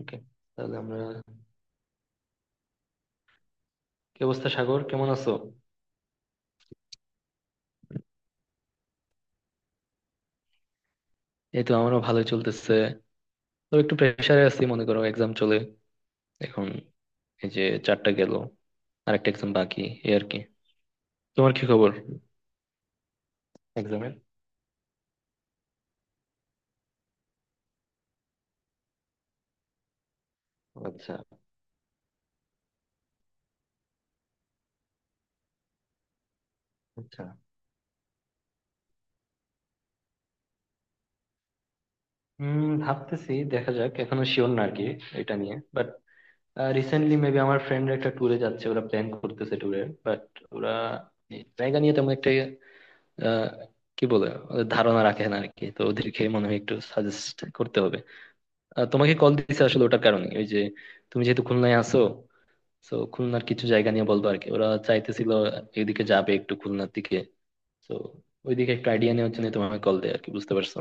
ওকে। তাহলে আমরা কি অবস্থা, সাগর কেমন আছো? এই তো আমারও ভালোই চলতেছে। তো একটু প্রেশারে আছি, মনে করো এক্সাম চলে এখন। এই যে চারটা গেল, আরেকটা এক্সাম বাকি। এই আর কি। তোমার কি খবর? এক্সামের। আচ্ছা আচ্ছা। ভাবতেছি, দেখা যাক, এখনো শিওর না আর কি এটা নিয়ে, বাট রিসেন্টলি মেবি আমার ফ্রেন্ডরা একটা ট্যুরে যাচ্ছে, ওরা প্ল্যান করতেছে ট্যুরের, বাট ওরা এই জায়গা নিয়ে তেমন একটা আহ, কি বলে, ওদের ধারণা রাখে না আর কি। তো ওদেরকে মনে হয় একটু সাজেস্ট করতে হবে। তোমাকে কল দিছে আসলে ওটার কারণে, ওই যে তুমি যেহেতু খুলনায় আছো, তো খুলনার কিছু জায়গা নিয়ে বলবো আর কি। ওরা চাইতেছিল এদিকে যাবে, একটু খুলনার দিকে। তো ওইদিকে একটু আইডিয়া নেওয়ার জন্য তোমাকে কল দেয় আর কি, বুঝতে পারছো?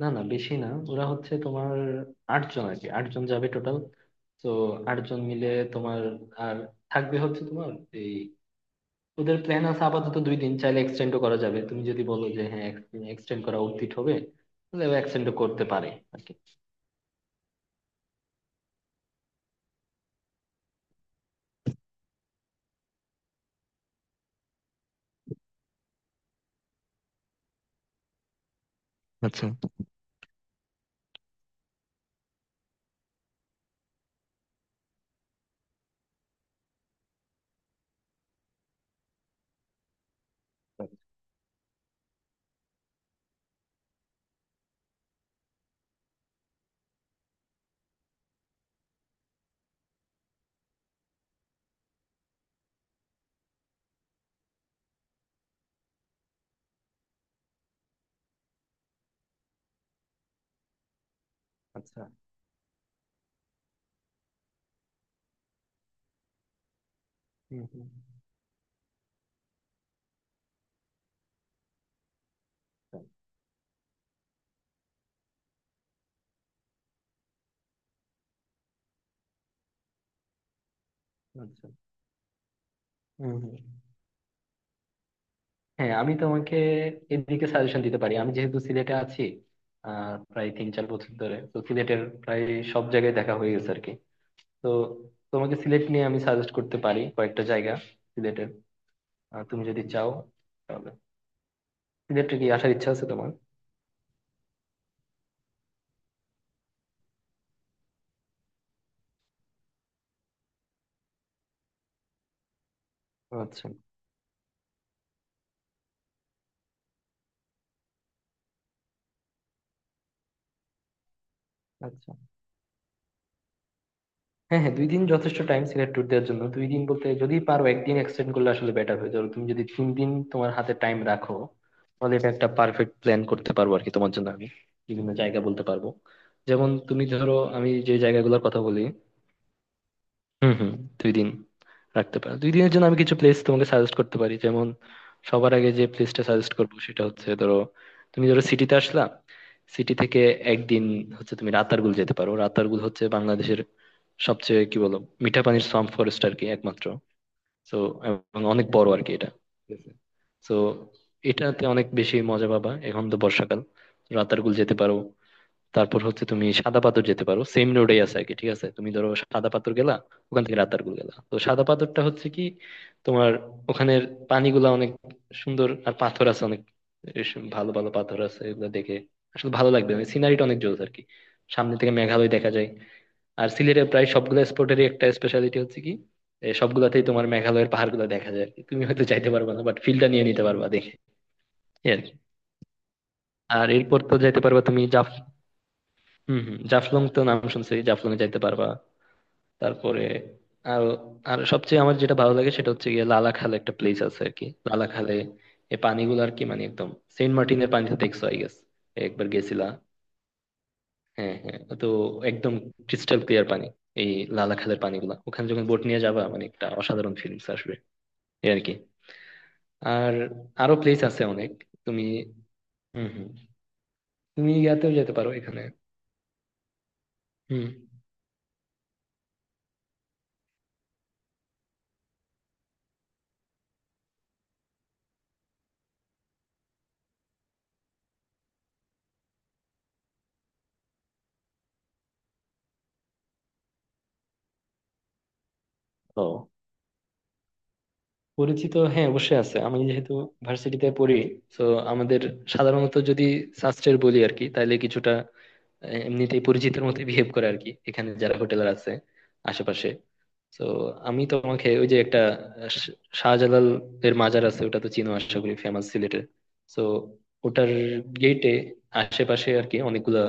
না না, বেশি না, ওরা হচ্ছে তোমার 8 জন আর কি, আটজন যাবে টোটাল। তো আটজন মিলে তোমার আর থাকবে হচ্ছে তোমার এই ওদের প্ল্যান আছে আপাতত 2 দিন, চাইলে এক্সটেন্ডও করা যাবে, তুমি যদি বলো যে হ্যাঁ এক্সটেন্ড করা উচিত হবে তাহলে এক্সটেন্ডও করতে পারে আর কি। আচ্ছা। হুম হুম। আচ্ছা। হম হম। হ্যাঁ আমি তোমাকে এদিকে সাজেশন দিতে পারি, আমি যেহেতু সিলেটে আছি প্রায় 3-4 বছর ধরে, তো সিলেটের প্রায় সব জায়গায় দেখা হয়ে গেছে আর কি। তো তোমাকে সিলেট নিয়ে আমি সাজেস্ট করতে পারি কয়েকটা জায়গা সিলেটের। তুমি যদি চাও তাহলে সিলেটে কি আসার ইচ্ছা আছে তোমার? আচ্ছা আচ্ছা। হ্যাঁ হ্যাঁ, 2 দিন যথেষ্ট টাইম সিলেট ট্যুর দেওয়ার জন্য। দুই দিন বলতে, যদি পারো একদিন এক্সটেন্ড করলে আসলে বেটার হয়ে যাবে। তুমি যদি 3 দিন তোমার হাতে টাইম রাখো তাহলে এটা একটা পারফেক্ট প্ল্যান করতে পারবো আর কি। তোমার জন্য আমি বিভিন্ন জায়গা বলতে পারবো, যেমন তুমি ধরো আমি যে জায়গাগুলোর কথা বলি। হুম হুম। দুই দিন রাখতে পারো, দুই দিনের জন্য আমি কিছু প্লেস তোমাকে সাজেস্ট করতে পারি। যেমন সবার আগে যে প্লেসটা সাজেস্ট করবো সেটা হচ্ছে, ধরো তুমি ধরো সিটিতে আসলা, সিটি থেকে একদিন হচ্ছে তুমি রাতারগুল যেতে পারো। রাতারগুল হচ্ছে বাংলাদেশের সবচেয়ে কি বলো, মিঠা পানির সোয়াম্প ফরেস্ট আর কি, একমাত্র। তো এবং অনেক বড় আর কি এটা। তো এটাতে অনেক বেশি মজা পাবা, এখন তো বর্ষাকাল, রাতারগুল যেতে পারো। তারপর হচ্ছে তুমি সাদা পাথর যেতে পারো, সেম রোডেই আছে আর কি, ঠিক আছে। তুমি ধরো সাদা পাথর গেলা, ওখান থেকে রাতারগুল গেলা। তো সাদা পাথরটা হচ্ছে কি তোমার, ওখানের পানিগুলা অনেক সুন্দর, আর পাথর আছে অনেক। ভালো ভালো পাথর আছে, এগুলো দেখে আসলে ভালো লাগবে, মানে সিনারিটা অনেক জোস আর কি। সামনে থেকে মেঘালয় দেখা যায়। আর সিলেটের প্রায় সবগুলো স্পটেরই একটা স্পেশালিটি হচ্ছে কি, সবগুলাতেই তোমার মেঘালয়ের পাহাড়গুলো দেখা যায় আর কি। তুমি হয়তো যাইতে পারবা না, বাট ফিল্ডটা নিয়ে নিতে পারবা দেখে। এই আর কি। আর এরপর তো যাইতে পারবা তুমি, হম হম, জাফলং, তো নাম শুনছি, জাফলং এ যাইতে পারবা। তারপরে আর আর সবচেয়ে আমার যেটা ভালো লাগে সেটা হচ্ছে গিয়ে লালাখালে একটা প্লেস আছে আর কি, লালাখালে। এই পানিগুলো আর কি, মানে একদম সেন্ট মার্টিনের পানিতে দেখছো, আই গেস একবার গেছিলা। হ্যাঁ হ্যাঁ, তো একদম ক্রিস্টাল ক্লিয়ার পানি এই লালাখালের পানিগুলা। ওখানে যখন বোট নিয়ে যাবা মানে একটা অসাধারণ ফিলিংস আসবে। এই আর কি। আর আরো প্লেস আছে অনেক। তুমি, হম হম, তুমি ইয়াতেও যেতে পারো এখানে। হম। ও, পরিচিত হ্যাঁ অবশ্যই আছে, আমি যেহেতু ভার্সিটিতে পড়ি। তো আমাদের সাধারণত যদি শাস্ত্রের বলি আর কি, তাহলে কিছুটা এমনিতেই পরিচিতের মতো বিহেভ করে আর কি, এখানে যারা হোটেলার আছে আশেপাশে। তো আমি তোমাকে ওই যে একটা, আহ, শ- শাহজালাল এর মাজার আছে, ওটা তো চিনো আশা করি, ফেমাস সিলেটের। তো ওটার গেটে আশেপাশে আর কি অনেকগুলা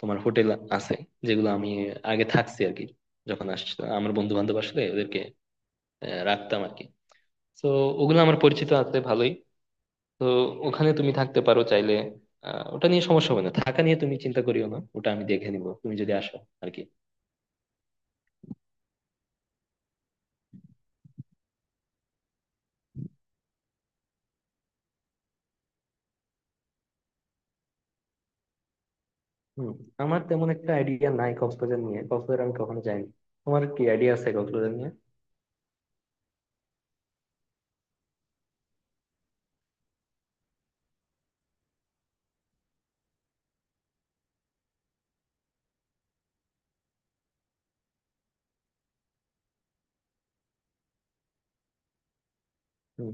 তোমার হোটেল আছে, যেগুলো আমি আগে থাকছি আর কি, যখন আসছিলাম আমার বন্ধু বান্ধব আসলে ওদেরকে রাখতাম আর কি। তো ওগুলো আমার পরিচিত আছে ভালোই। তো ওখানে তুমি থাকতে পারো চাইলে। ওটা নিয়ে সমস্যা হবে না, থাকা নিয়ে তুমি চিন্তা করিও না, ওটা আমি দেখে নিবো তুমি যদি আসো আর কি। হুম। আমার তেমন একটা আইডিয়া নাই কক্সবাজার নিয়ে, কক্সবাজার আমি কখনো যাইনি। তোমার কি আইডিয়া আছে কক্সবাজার নিয়ে? হুম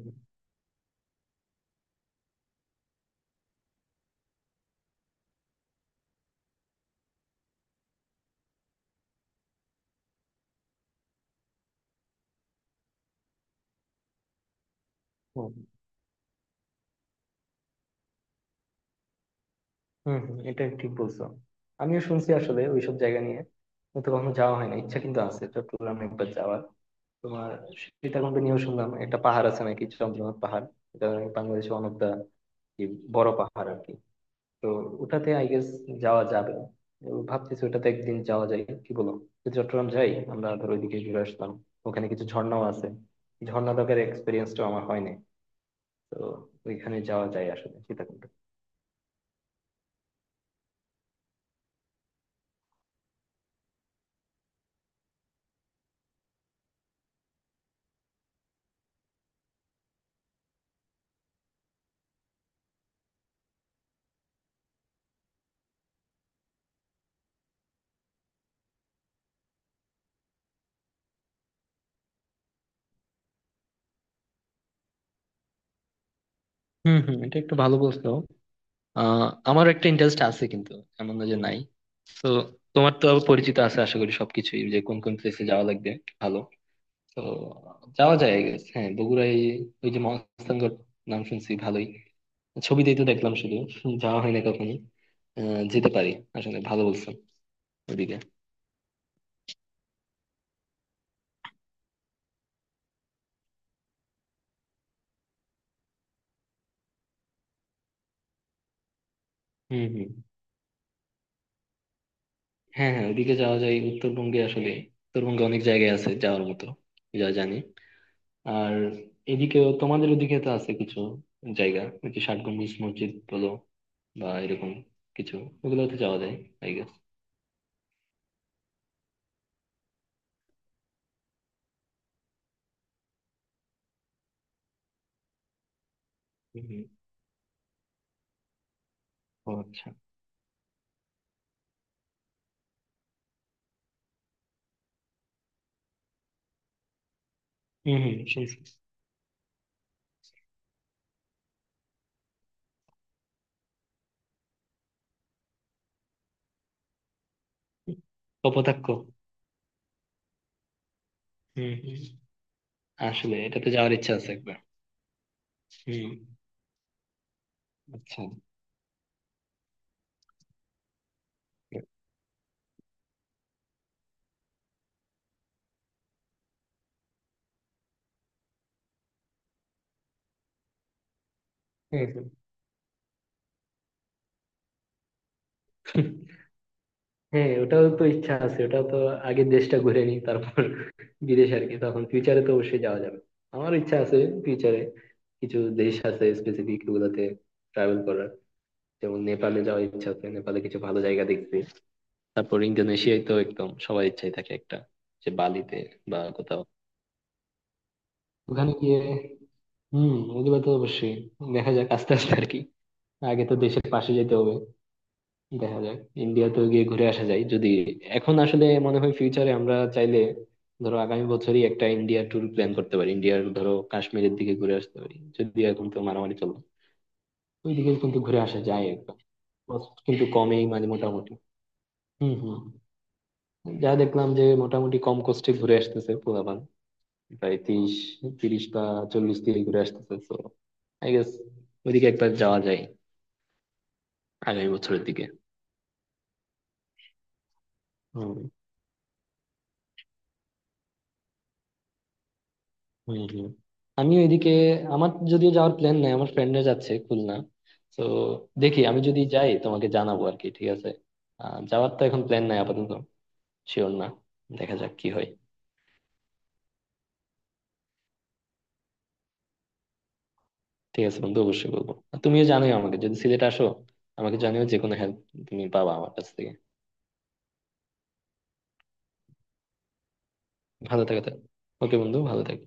হুম। হুম হুম, এটা ঠিক বলছো। আমিও শুনছি আসলে ওইসব জায়গা নিয়ে, কিন্তু কখনো যাওয়া হয় না। ইচ্ছা কিন্তু আছে চট্টগ্রাম একবার যাওয়ার। তোমার সীতাকুণ্ড নিয়েও শুনলাম একটা পাহাড় আছে নাকি, চন্দ্রনাথ পাহাড়। এটা বাংলাদেশে অনেকটা কি বড় পাহাড় আর কি। তো ওটাতে আই গেস যাওয়া যাবে। তো ভাবতেছি ওটাতে একদিন যাওয়া যায় কি বলো। তো চট্টগ্রাম যাই আমরা, ধর ওইদিকে ঘুরে আসলাম। ওখানে কিছু ঝর্ণাও আছে, ঝর্ণা দেখার এক্সপিরিয়েন্সটাও আমার হয়নি। তো ওইখানে যাওয়া যায় আসলে, সীতাকুণ্ড। হম হম, এটা একটু ভালো বলছো। আহ আমার একটা ইন্টারেস্ট আছে কিন্তু, এমন না যে নাই। তো তোমার তো আবার পরিচিত আছে আশা করি সবকিছুই, যে কোন কোন প্লেসে যাওয়া লাগবে, ভালো। তো যাওয়া যায় I guess। হ্যাঁ বগুড়ায় ওই যে মহাস্থানগড়, নাম শুনছি ভালোই, ছবিতেই তো দেখলাম শুধু, যাওয়া হয় না কখনো। যেতে পারি আসলে, ভালো বলছো ওদিকে। হম হম। হ্যাঁ হ্যাঁ, ওদিকে যাওয়া যায় উত্তরবঙ্গে আসলে, উত্তরবঙ্গে অনেক জায়গায় আছে যাওয়ার মতো, যা জানি। আর এদিকেও তোমাদের ওদিকে তো আছে কিছু জায়গা, ওই যে ষাট গম্বুজ মসজিদ বলো বা এরকম কিছু, ওগুলোতে যাওয়া যায় আই গেস। হম। ও আচ্ছা। হম হম, শুনছি। কপোতাক্ষ। হম হম। আসলে এটাতে যাওয়ার ইচ্ছা আছে একবার। হম। আচ্ছা। হম হম। হ্যাঁ ওটাও তো ইচ্ছা আছে, ওটাও তো, আগে দেশটা ঘুরে নিই তারপর বিদেশ আর কি, তখন ফিউচারে তো অবশ্যই যাওয়া যাবে। আমার ইচ্ছা আছে ফিউচারে, কিছু দেশ আছে স্পেসিফিক ওগুলাতে ট্রাভেল করার, যেমন নেপালে যাওয়ার ইচ্ছা আছে, নেপালে কিছু ভালো জায়গা দেখতে। তারপর ইন্দোনেশিয়ায় তো একদম সবার ইচ্ছাই থাকে একটা, যে বালিতে বা কোথাও ওখানে গিয়ে। হম, ওগুলো তো অবশ্যই, দেখা যাক আস্তে আস্তে আর কি। আগে তো দেশের পাশে যেতে হবে, দেখা যাক। ইন্ডিয়াতেও গিয়ে ঘুরে আসা যায় যদি, এখন আসলে মনে হয় ফিউচারে আমরা চাইলে, ধরো আগামী বছরই একটা ইন্ডিয়া ট্যুর প্ল্যান করতে পারি, ইন্ডিয়ার ধরো কাশ্মীরের দিকে ঘুরে আসতে পারি। যদি এখন তো মারামারি চলো, ওইদিকে কিন্তু ঘুরে আসা যায় একবার। Cost কিন্তু কমেই, মানে মোটামুটি। হম হম। যা দেখলাম যে মোটামুটি কম কষ্টে ঘুরে আসতেছে পোলাপান, প্রায় তিরিশ 30 বা 40 দিয়ে ঘুরে আসতেছে। তো আই গেস ওইদিকে একবার যাওয়া যায়, আগামী বছরের দিকে। হম হম। হম। আমিও এদিকে, আমার যদিও যাওয়ার প্ল্যান নাই, আমার ফ্রেন্ডরা যাচ্ছে খুলনা। তো দেখি, আমি যদি যাই তোমাকে জানাবো আর কি, ঠিক আছে? আহ, যাওয়ার তো এখন প্ল্যান নাই আপাতত, শিওর না, দেখা যাক কি হয়। ঠিক আছে বন্ধু, অবশ্যই বলবো। আর তুমিও জানোই আমাকে, যদি সিলেট আসো আমাকে জানিও, যে কোনো হেল্প তুমি পাবা আমার কাছ থেকে। ভালো থাকো তাহলে। ওকে বন্ধু, ভালো থাকো।